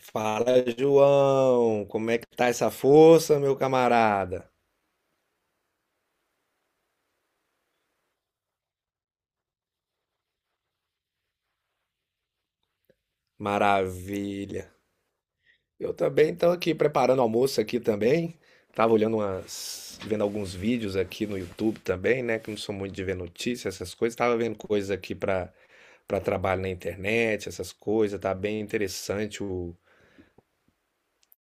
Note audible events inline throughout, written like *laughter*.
Fala, João. Como é que tá essa força, meu camarada? Maravilha. Eu também estou aqui preparando almoço aqui também. Tava olhando vendo alguns vídeos aqui no YouTube também, né? Que não sou muito de ver notícias, essas coisas. Tava vendo coisas aqui para trabalho na internet, essas coisas. Tá bem interessante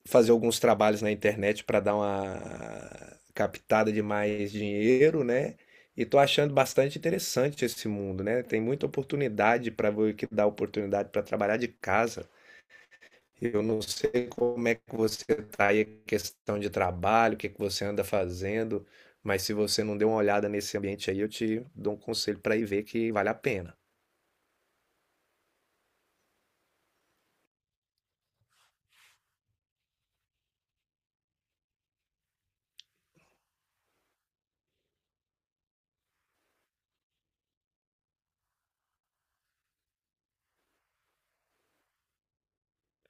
fazer alguns trabalhos na internet para dar uma captada de mais dinheiro, né? E tô achando bastante interessante esse mundo, né? Tem muita oportunidade para ver que dá oportunidade para trabalhar de casa. Eu não sei como é que você tá aí, questão de trabalho, o que que você anda fazendo, mas se você não deu uma olhada nesse ambiente aí, eu te dou um conselho para ir ver que vale a pena.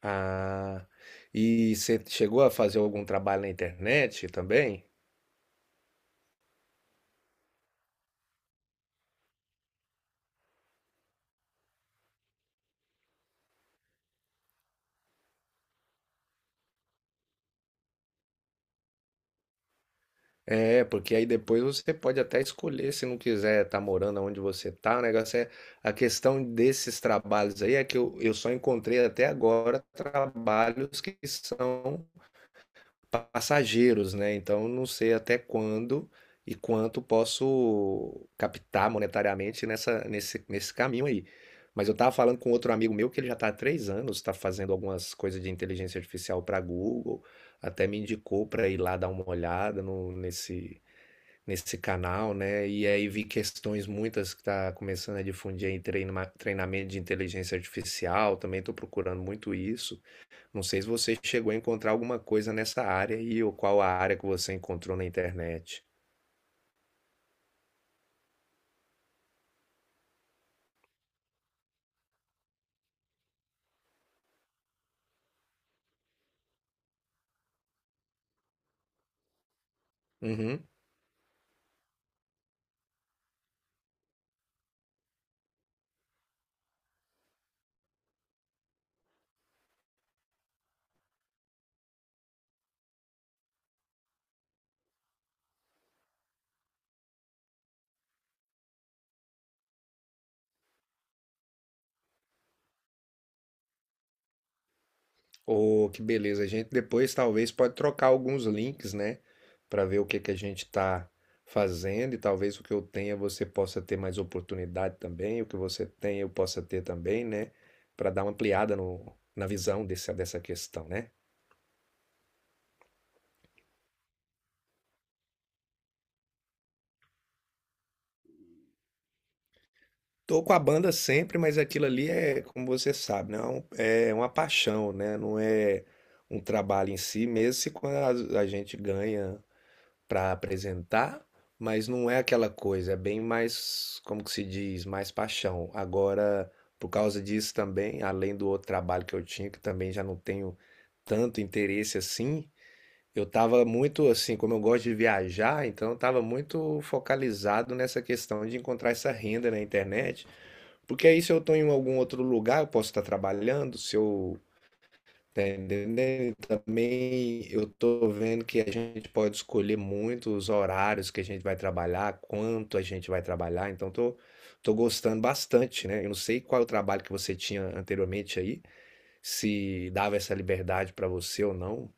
Ah, e você chegou a fazer algum trabalho na internet também? É, porque aí depois você pode até escolher se não quiser estar morando onde você tá. O negócio é a questão desses trabalhos aí é que eu só encontrei até agora trabalhos que são passageiros, né? Então eu não sei até quando e quanto posso captar monetariamente nesse caminho aí. Mas eu tava falando com outro amigo meu que ele já tá há 3 anos, tá fazendo algumas coisas de inteligência artificial para Google, até me indicou para ir lá dar uma olhada nesse canal, né? E aí vi questões muitas que está começando a difundir aí treinamento de inteligência artificial, também estou procurando muito isso. Não sei se você chegou a encontrar alguma coisa nessa área e ou qual a área que você encontrou na internet. Uhum. Oh, que beleza. A gente depois talvez pode trocar alguns links, né? Para ver o que que a gente está fazendo e talvez o que eu tenha você possa ter mais oportunidade também, o que você tem eu possa ter também, né? Para dar uma ampliada no, na visão dessa questão, né? Tô com a banda sempre, mas aquilo ali é, como você sabe, não é um- é uma paixão, né? Não é um trabalho em si, mesmo se quando a gente ganha para apresentar, mas não é aquela coisa, é bem mais, como que se diz, mais paixão. Agora, por causa disso também, além do outro trabalho que eu tinha, que também já não tenho tanto interesse assim, eu estava muito assim, como eu gosto de viajar, então eu estava muito focalizado nessa questão de encontrar essa renda na internet, porque aí se eu estou em algum outro lugar, eu posso estar trabalhando, se eu tá entendendo? E também eu tô vendo que a gente pode escolher muito os horários que a gente vai trabalhar, quanto a gente vai trabalhar, então tô gostando bastante, né? Eu não sei qual é o trabalho que você tinha anteriormente aí, se dava essa liberdade pra você ou não.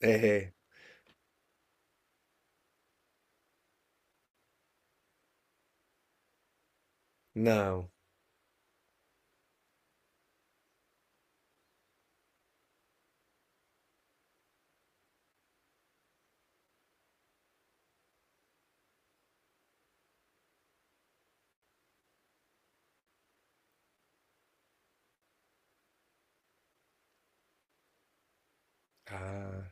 É, não. Ah,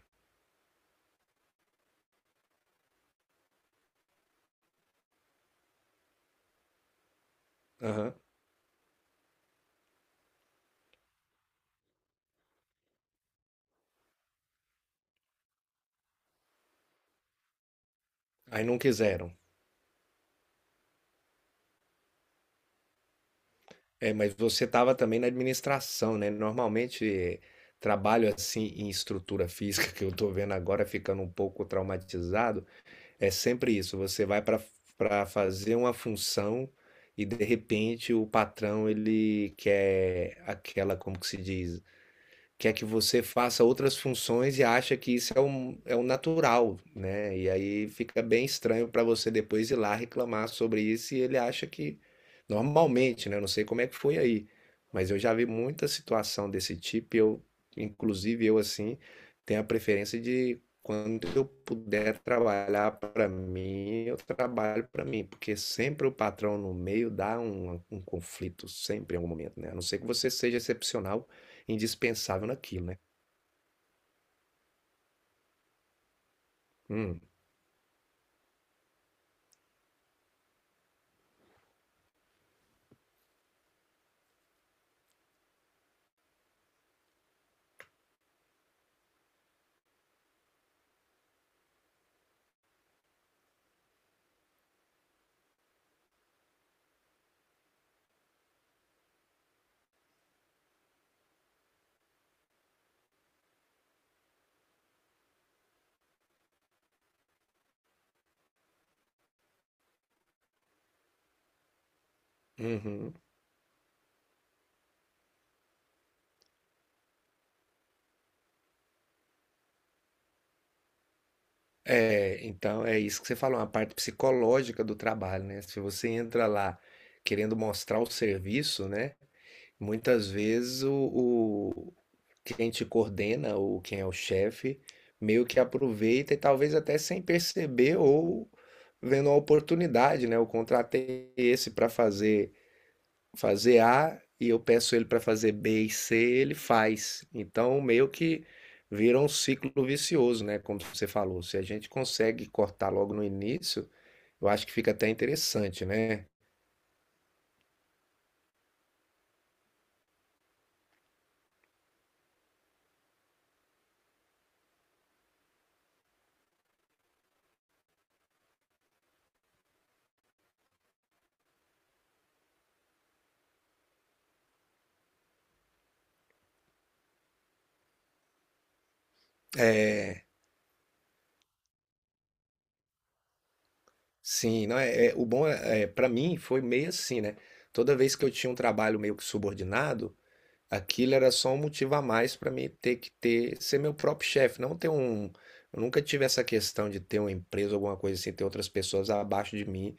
aham. Aí não quiseram. É, mas você estava também na administração, né? Normalmente, trabalho assim em estrutura física, *laughs* que eu tô vendo agora ficando um pouco traumatizado. É sempre isso. Você vai para fazer uma função e de repente o patrão ele quer aquela, como que se diz? Quer que você faça outras funções e acha que isso é um natural, né? E aí fica bem estranho para você depois ir lá reclamar sobre isso e ele acha que normalmente, né? Eu não sei como é que foi aí, mas eu já vi muita situação desse tipo. E eu, inclusive eu assim, tenho a preferência de quando eu puder trabalhar para mim, eu trabalho para mim, porque sempre o patrão no meio dá um conflito, sempre em algum momento, né? A não ser que você seja excepcional, indispensável naquilo, né? Hum, uhum. É, então é isso que você falou, uma parte psicológica do trabalho, né? Se você entra lá querendo mostrar o serviço, né? Muitas vezes quem te coordena ou quem é o chefe meio que aproveita e talvez até sem perceber ou vendo a oportunidade, né? Eu contratei esse para fazer A e eu peço ele para fazer B e C, ele faz. Então, meio que vira um ciclo vicioso, né? Como você falou, se a gente consegue cortar logo no início, eu acho que fica até interessante, né? Sim, não o bom é para mim foi meio assim, né? Toda vez que eu tinha um trabalho meio que subordinado, aquilo era só um motivo a mais para mim ter que ter ser meu próprio chefe, não ter um. Eu nunca tive essa questão de ter uma empresa, alguma coisa assim, ter outras pessoas abaixo de mim.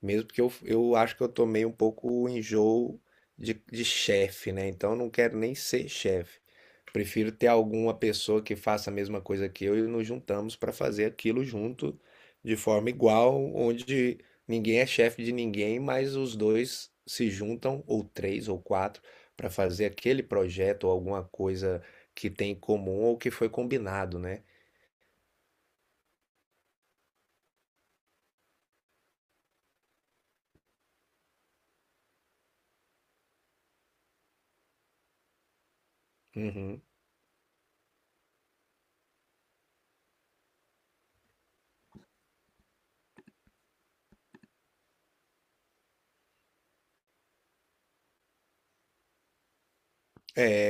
Mesmo que eu, acho que eu tomei um pouco o enjoo de chefe, né? Então eu não quero nem ser chefe. Prefiro ter alguma pessoa que faça a mesma coisa que eu e nos juntamos para fazer aquilo junto de forma igual, onde ninguém é chefe de ninguém, mas os dois se juntam, ou três ou quatro, para fazer aquele projeto ou alguma coisa que tem em comum ou que foi combinado, né? Uhum. É,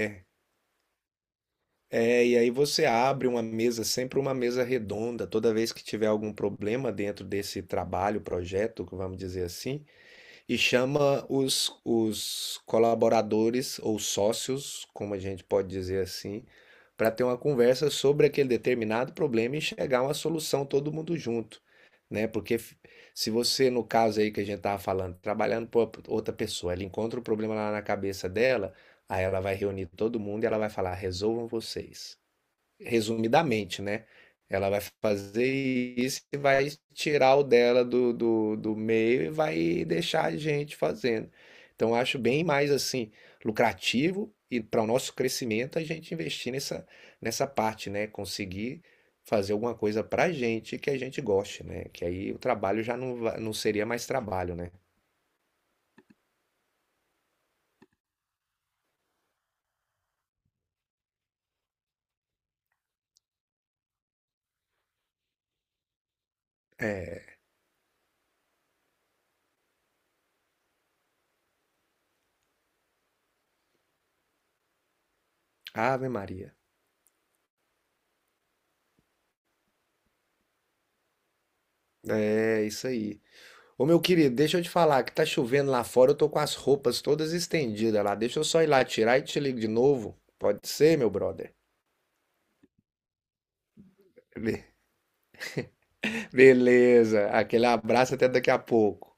É, e aí você abre uma mesa, sempre uma mesa redonda, toda vez que tiver algum problema dentro desse trabalho, projeto, vamos dizer assim, e chama os colaboradores ou sócios, como a gente pode dizer assim, para ter uma conversa sobre aquele determinado problema e chegar a uma solução todo mundo junto, né? Porque se você, no caso aí que a gente estava falando, trabalhando para outra pessoa, ela encontra o problema lá na cabeça dela, aí ela vai reunir todo mundo e ela vai falar, resolvam vocês, resumidamente, né? Ela vai fazer isso e vai tirar o dela do meio e vai deixar a gente fazendo. Então, eu acho bem mais assim lucrativo e para o nosso crescimento a gente investir nessa parte, né? Conseguir fazer alguma coisa para a gente que a gente goste, né? Que aí o trabalho já não, não seria mais trabalho, né? É, Ave Maria. É isso aí. Ô meu querido, deixa eu te falar que tá chovendo lá fora, eu tô com as roupas todas estendidas lá. Deixa eu só ir lá tirar e te ligo de novo. Pode ser, meu brother? Be- *laughs* Beleza, aquele abraço até daqui a pouco.